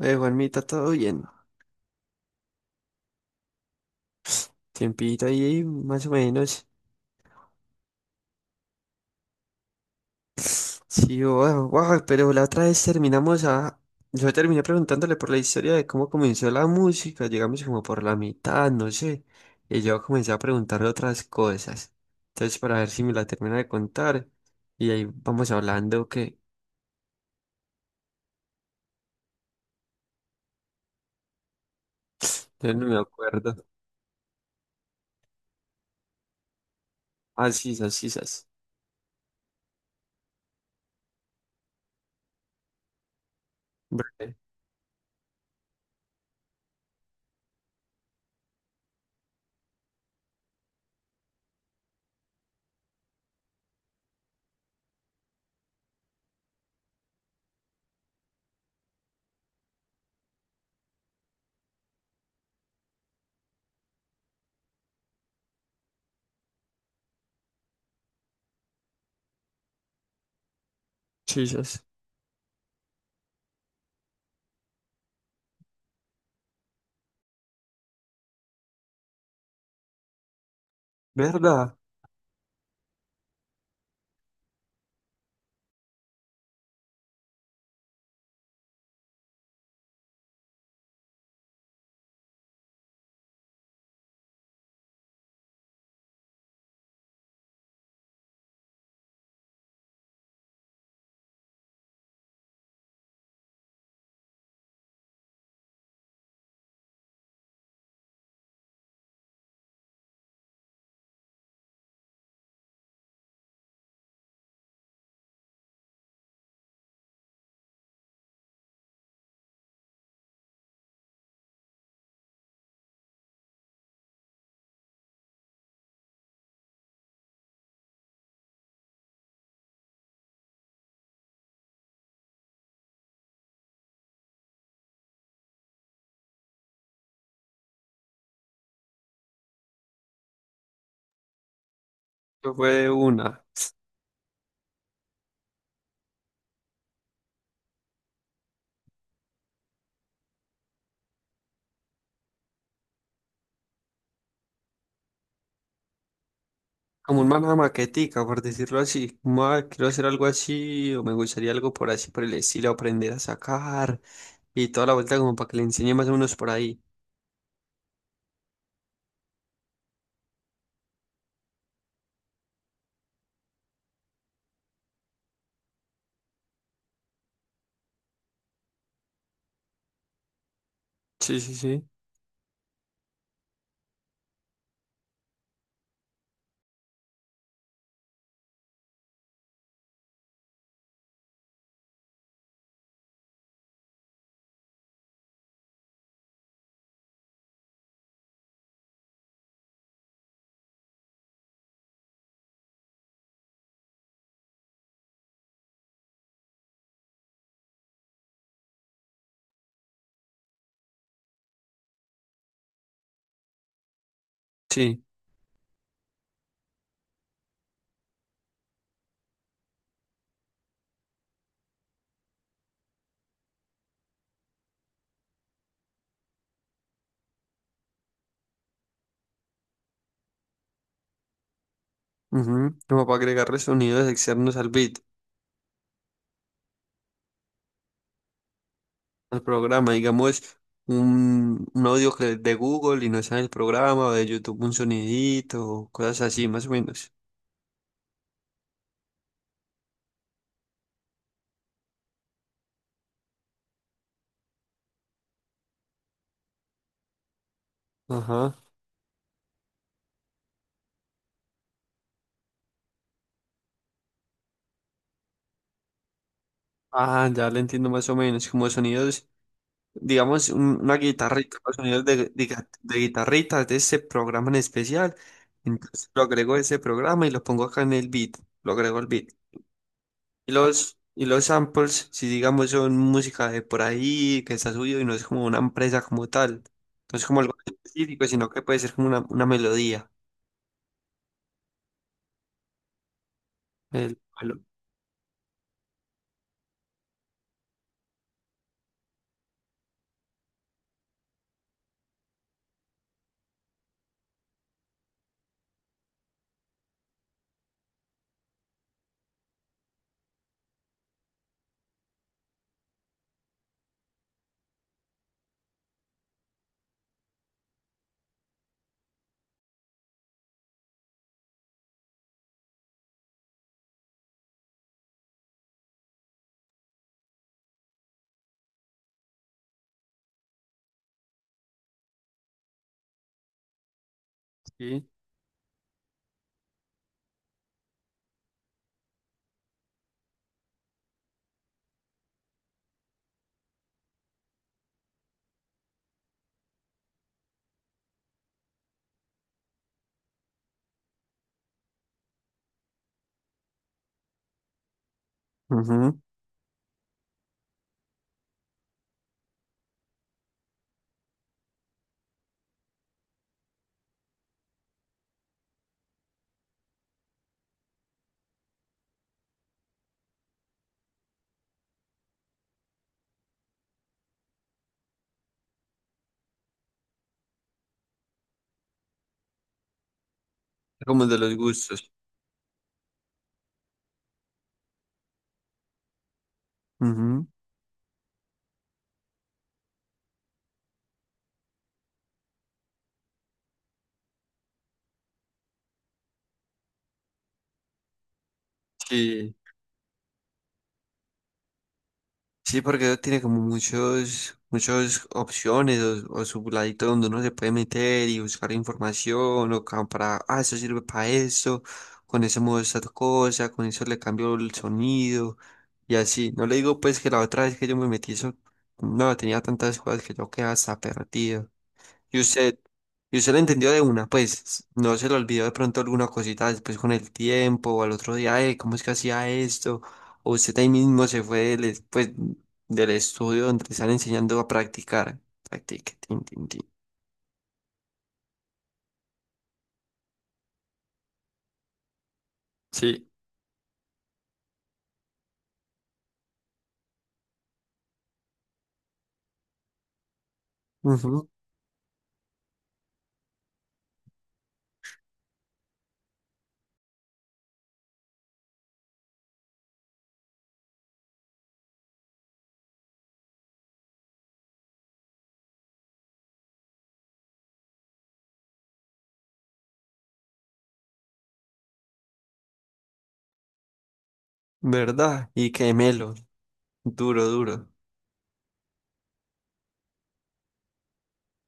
Juanmita, todo bien. Tiempito ahí, más o menos. Sí, wow, wow, pero la otra vez terminamos a... Yo terminé preguntándole por la historia de cómo comenzó la música, llegamos como por la mitad, no sé. Y yo comencé a preguntarle otras cosas. Entonces, para ver si me la termina de contar. Y ahí vamos hablando, que yo no me acuerdo. Ah, sí, sas, sí. Breve. Sí. ¿Verdad? Eso fue una. Como un una maquetica, por decirlo así. Como, "Ah, quiero hacer algo así, o me gustaría algo por así, por el estilo, aprender a sacar y toda la vuelta como para que le enseñe más o menos por ahí". Sí, sí, sí. Sí. Ujú. Como para agregarle sonidos externos al beat, al programa. Digamos, un audio que de Google y no está en el programa, o de YouTube un sonidito, o cosas así, más o menos. Ajá. Ah, ya le entiendo más o menos, como sonidos digamos, una guitarrita, los sonidos de guitarrita de ese programa en especial. Entonces lo agrego a ese programa y lo pongo acá en el beat, lo agrego al beat. Y los samples, si digamos, son música de por ahí, que está subido y no es como una empresa como tal, no es como algo específico, sino que puede ser como una melodía. El, el- sí. Ujú. Como de los gustos. Ujú. Sí. Sí, porque tiene como muchas opciones o su ladito donde uno se puede meter y buscar información o como para, ah, eso sirve para eso, con ese modo esta cosa, con eso le cambio el sonido y así. No le digo pues que la otra vez que yo me metí eso, no, tenía tantas cosas que yo quedaba hasta perdido. Y usted, y usted lo entendió de una, pues no se le olvidó de pronto alguna cosita después con el tiempo o al otro día, ¿cómo es que hacía esto? O usted ahí mismo se fue del estudio donde le están enseñando a practicar. Practique, tin, tin, tin. Sí. Ujú. ¿Verdad? Y qué melo, duro, duro.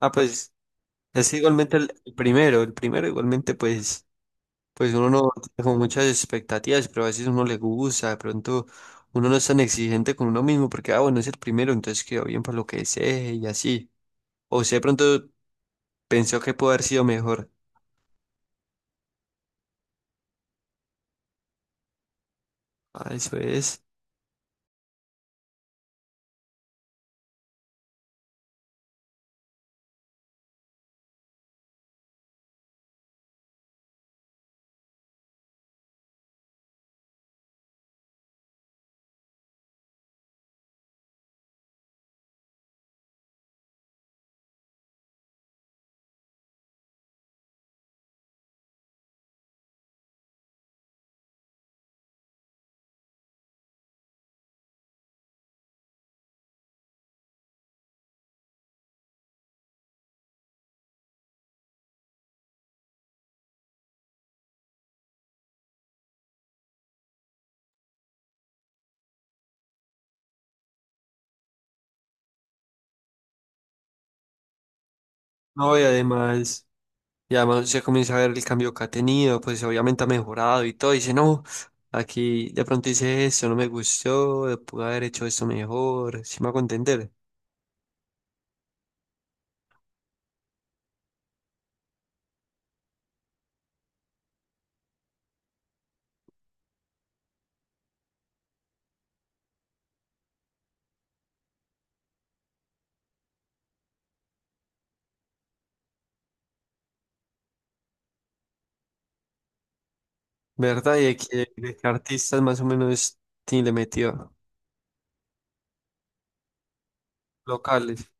Ah, pues es igualmente el primero, el primero igualmente pues, pues uno no tiene como muchas expectativas, pero a veces uno le gusta, de pronto uno no es tan exigente con uno mismo porque, ah, bueno, es el primero, entonces quedó bien para lo que desee y así. O sea, de pronto pensó que pudo haber sido mejor. Ah, eso es. No, y además se comienza a ver el cambio que ha tenido, pues obviamente ha mejorado y todo, y dice, no, aquí de pronto hice esto, no me gustó, pude haber hecho esto mejor, si me hago entender, ¿verdad? Y de que artistas más o menos sí le metió, locales.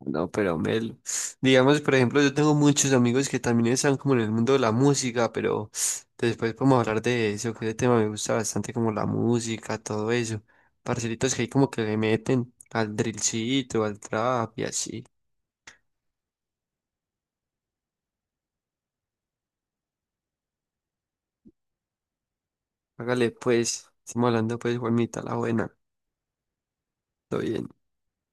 No, pero Mel, digamos, por ejemplo, yo tengo muchos amigos que también están como en el mundo de la música, pero después podemos hablar de eso, que ese tema me gusta bastante, como la música, todo eso. Parcelitos que hay como que le meten al drillcito, al trap y así. Hágale pues, estamos hablando pues, Juanita, la buena, todo bien.